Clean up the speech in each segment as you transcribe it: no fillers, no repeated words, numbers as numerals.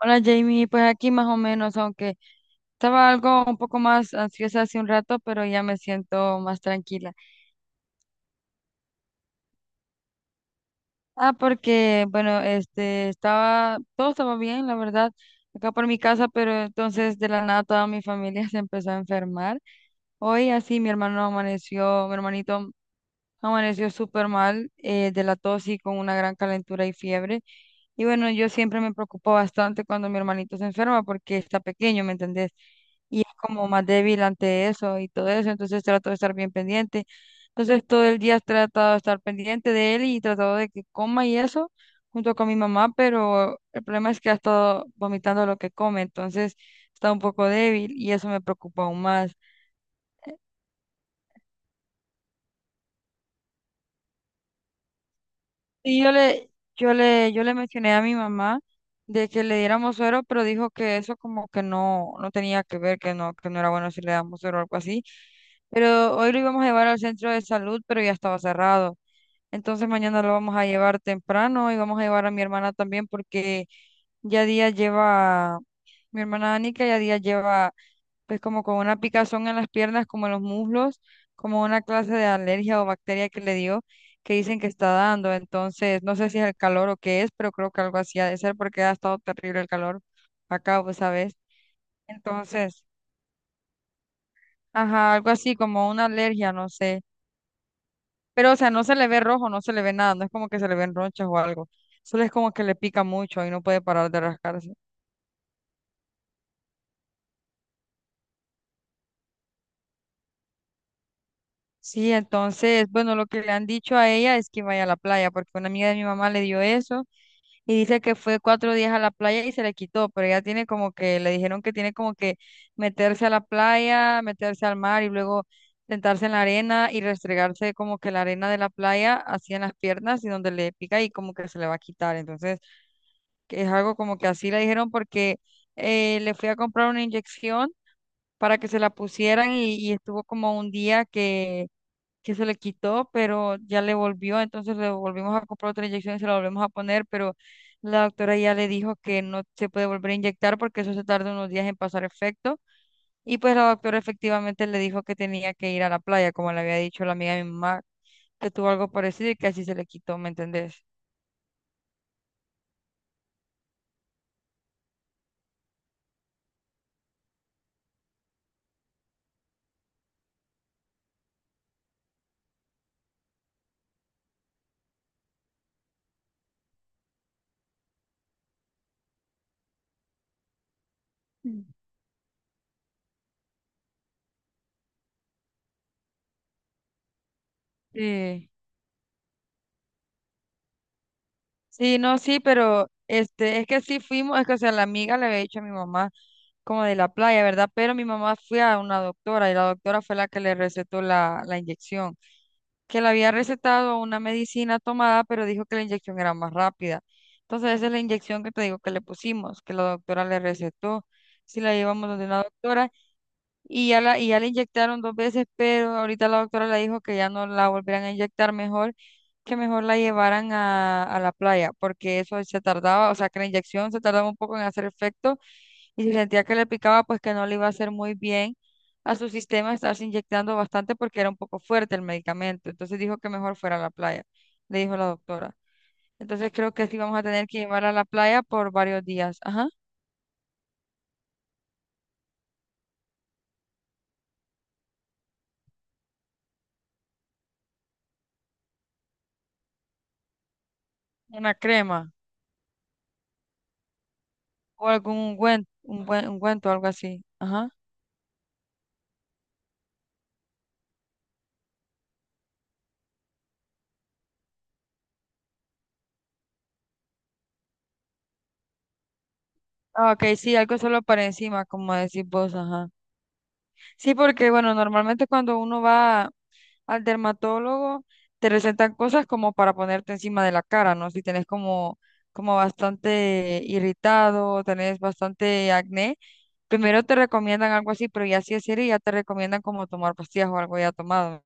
Hola Jamie, pues aquí más o menos, aunque estaba algo un poco más ansiosa hace un rato, pero ya me siento más tranquila. Ah, porque bueno, todo estaba bien, la verdad, acá por mi casa, pero entonces de la nada toda mi familia se empezó a enfermar. Hoy así mi hermano amaneció, mi hermanito amaneció súper mal de la tos y con una gran calentura y fiebre. Y bueno, yo siempre me preocupo bastante cuando mi hermanito se enferma porque está pequeño, ¿me entendés? Y es como más débil ante eso y todo eso, entonces trato de estar bien pendiente. Entonces todo el día he tratado de estar pendiente de él y tratado de que coma y eso junto con mi mamá, pero el problema es que ha estado vomitando lo que come, entonces está un poco débil y eso me preocupa aún más. Y yo le, yo le mencioné a mi mamá de que le diéramos suero, pero dijo que eso como que no, no tenía que ver, que no era bueno si le damos suero o algo así. Pero hoy lo íbamos a llevar al centro de salud, pero ya estaba cerrado. Entonces mañana lo vamos a llevar temprano y vamos a llevar a mi hermana también porque ya día lleva, mi hermana Anika ya día lleva pues como con una picazón en las piernas, como en los muslos, como una clase de alergia o bacteria que le dio, que dicen que está dando. Entonces, no sé si es el calor o qué es, pero creo que algo así ha de ser porque ha estado terrible el calor acá, pues, ¿sabes? Entonces, ajá, algo así como una alergia, no sé. Pero, o sea, no se le ve rojo, no se le ve nada, no es como que se le ven ronchas o algo. Solo es como que le pica mucho y no puede parar de rascarse. Sí, entonces, bueno, lo que le han dicho a ella es que vaya a la playa, porque una amiga de mi mamá le dio eso. Y dice que fue 4 días a la playa y se le quitó, pero ella tiene como que, le dijeron que tiene como que meterse a la playa, meterse al mar y luego sentarse en la arena y restregarse como que la arena de la playa así en las piernas y donde le pica y como que se le va a quitar. Entonces, que es algo como que así le dijeron porque le fui a comprar una inyección para que se la pusieran y estuvo como un día que se le quitó, pero ya le volvió, entonces le volvimos a comprar otra inyección y se la volvemos a poner, pero la doctora ya le dijo que no se puede volver a inyectar porque eso se tarda unos días en pasar efecto. Y pues la doctora efectivamente le dijo que tenía que ir a la playa, como le había dicho la amiga de mi mamá, que tuvo algo parecido y que así se le quitó, ¿me entendés? Sí. Sí, no, sí, pero este, es que sí fuimos, es que o sea, la amiga le había dicho a mi mamá como de la playa, ¿verdad? Pero mi mamá fue a una doctora y la doctora fue la que le recetó la inyección. Que le había recetado una medicina tomada, pero dijo que la inyección era más rápida. Entonces, esa es la inyección que te digo que le pusimos, que la doctora le recetó. Si la llevamos donde una doctora y ya la inyectaron dos veces, pero ahorita la doctora le dijo que ya no la volverán a inyectar mejor, que mejor la llevaran a la playa, porque eso se tardaba, o sea, que la inyección se tardaba un poco en hacer efecto y si sentía que le picaba, pues que no le iba a hacer muy bien a su sistema estarse inyectando bastante porque era un poco fuerte el medicamento. Entonces dijo que mejor fuera a la playa, le dijo la doctora. Entonces creo que sí vamos a tener que llevarla a la playa por varios días. Ajá. Una crema o algún ungüento, un buen ungüento, algo así. Ajá. Ah, ok, sí, algo solo para encima, como decís vos, ajá. Sí, porque bueno, normalmente cuando uno va al dermatólogo, te recetan cosas como para ponerte encima de la cara, ¿no? Si tenés como, como bastante irritado, tenés bastante acné, primero te recomiendan algo así, pero ya si es serio, ya te recomiendan como tomar pastillas o algo ya tomado.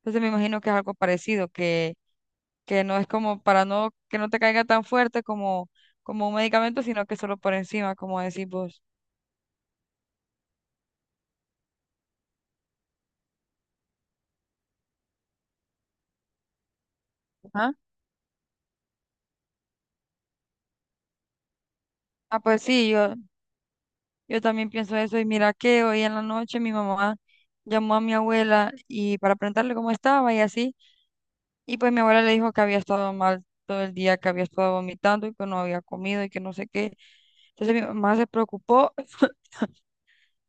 Entonces me imagino que es algo parecido, que no es como para no, que no te caiga tan fuerte como, como un medicamento, sino que solo por encima, como decís vos. Ajá. Ah, pues sí, yo también pienso eso y mira que hoy en la noche mi mamá llamó a mi abuela y para preguntarle cómo estaba y así, y pues mi abuela le dijo que había estado mal todo el día, que había estado vomitando y que no había comido y que no sé qué. Entonces mi mamá se preocupó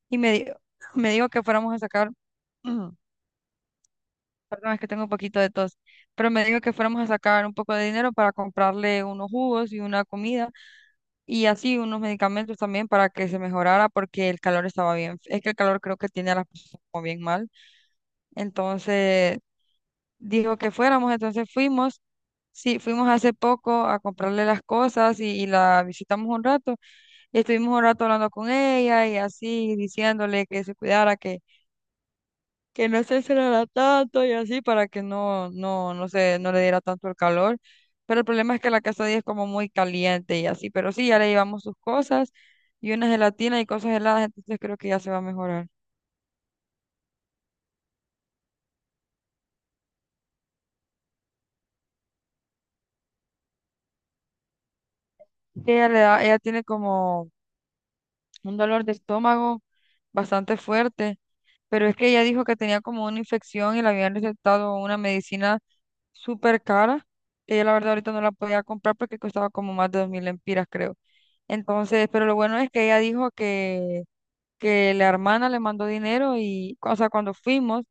y me dijo, me dijo que fuéramos a sacar, perdón, es que tengo un poquito de tos, pero me dijo que fuéramos a sacar un poco de dinero para comprarle unos jugos y una comida y así unos medicamentos también para que se mejorara porque el calor estaba bien, es que el calor creo que tiene a las personas como bien mal. Entonces dijo que fuéramos, entonces fuimos. Sí, fuimos hace poco a comprarle las cosas y la visitamos un rato y estuvimos un rato hablando con ella y así diciéndole que se cuidara, que no se encerrara tanto y así para que no le diera tanto el calor. Pero el problema es que la casa de ella es como muy caliente y así, pero sí, ya le llevamos sus cosas y una gelatina y cosas heladas, entonces creo que ya se va a mejorar. Ella tiene como un dolor de estómago bastante fuerte, pero es que ella dijo que tenía como una infección y le habían recetado una medicina súper cara, que ella la verdad ahorita no la podía comprar porque costaba como más de 2.000 lempiras, creo. Entonces, pero lo bueno es que ella dijo que la hermana le mandó dinero y, o sea, cuando fuimos,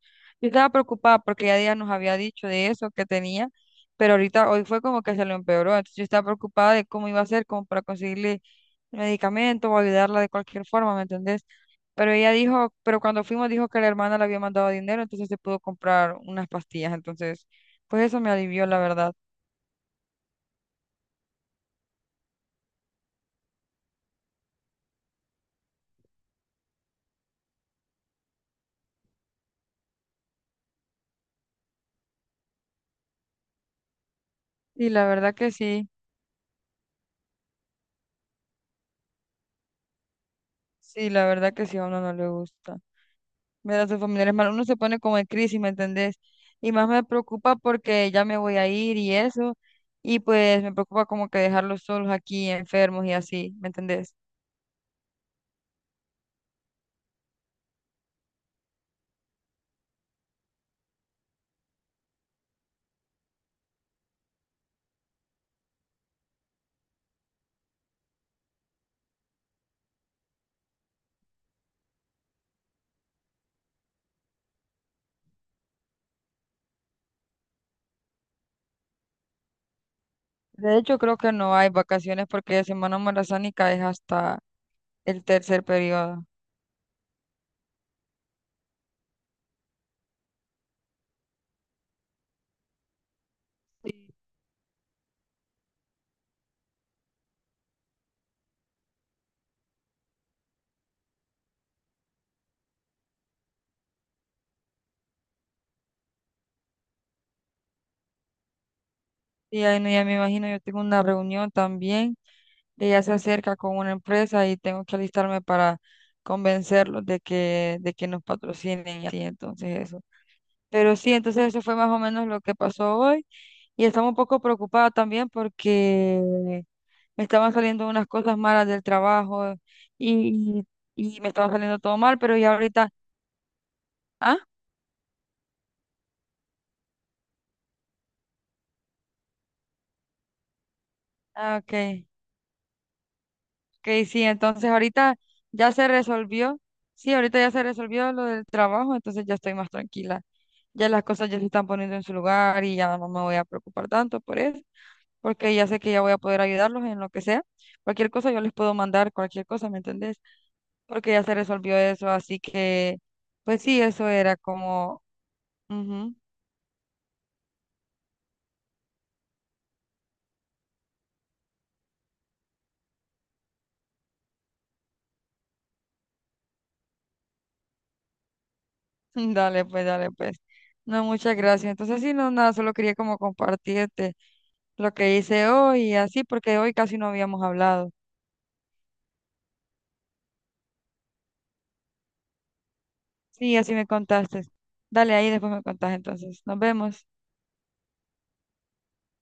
yo estaba preocupada porque ya día nos había dicho de eso que tenía, pero ahorita hoy fue como que se lo empeoró, entonces yo estaba preocupada de cómo iba a hacer como para conseguirle medicamento o ayudarla de cualquier forma, ¿me entendés? Pero cuando fuimos dijo que la hermana le había mandado dinero, entonces se pudo comprar unas pastillas, entonces, pues eso me alivió, la verdad. Y la verdad que sí, sí, la verdad que sí, a uno no le gusta. Relación familiar es malo, uno se pone como en crisis, ¿me entendés? Y más me preocupa porque ya me voy a ir y eso, y pues me preocupa como que dejarlos solos aquí, enfermos y así, ¿me entendés? De hecho, creo que no hay vacaciones porque Semana Marazánica es hasta el tercer periodo. Y ahí no, ya me imagino, yo tengo una reunión también, que ya se acerca con una empresa y tengo que alistarme para convencerlos de que nos patrocinen y así, entonces eso. Pero sí, entonces eso fue más o menos lo que pasó hoy. Y estaba un poco preocupada también porque me estaban saliendo unas cosas malas del trabajo y, y me estaba saliendo todo mal, pero ya ahorita, ah, ok, ok, sí, entonces ahorita ya se resolvió, sí, ahorita ya se resolvió lo del trabajo, entonces ya estoy más tranquila, ya las cosas ya se están poniendo en su lugar y ya no me voy a preocupar tanto por eso, porque ya sé que ya voy a poder ayudarlos en lo que sea, cualquier cosa yo les puedo mandar, cualquier cosa, ¿me entendés? Porque ya se resolvió eso, así que, pues sí, eso era como, ujú. Dale, pues, dale, pues. No, muchas gracias. Entonces, sí, no, nada, solo quería como compartirte lo que hice hoy y así, porque hoy casi no habíamos hablado. Sí, así me contaste. Dale, ahí después me contás entonces. Nos vemos.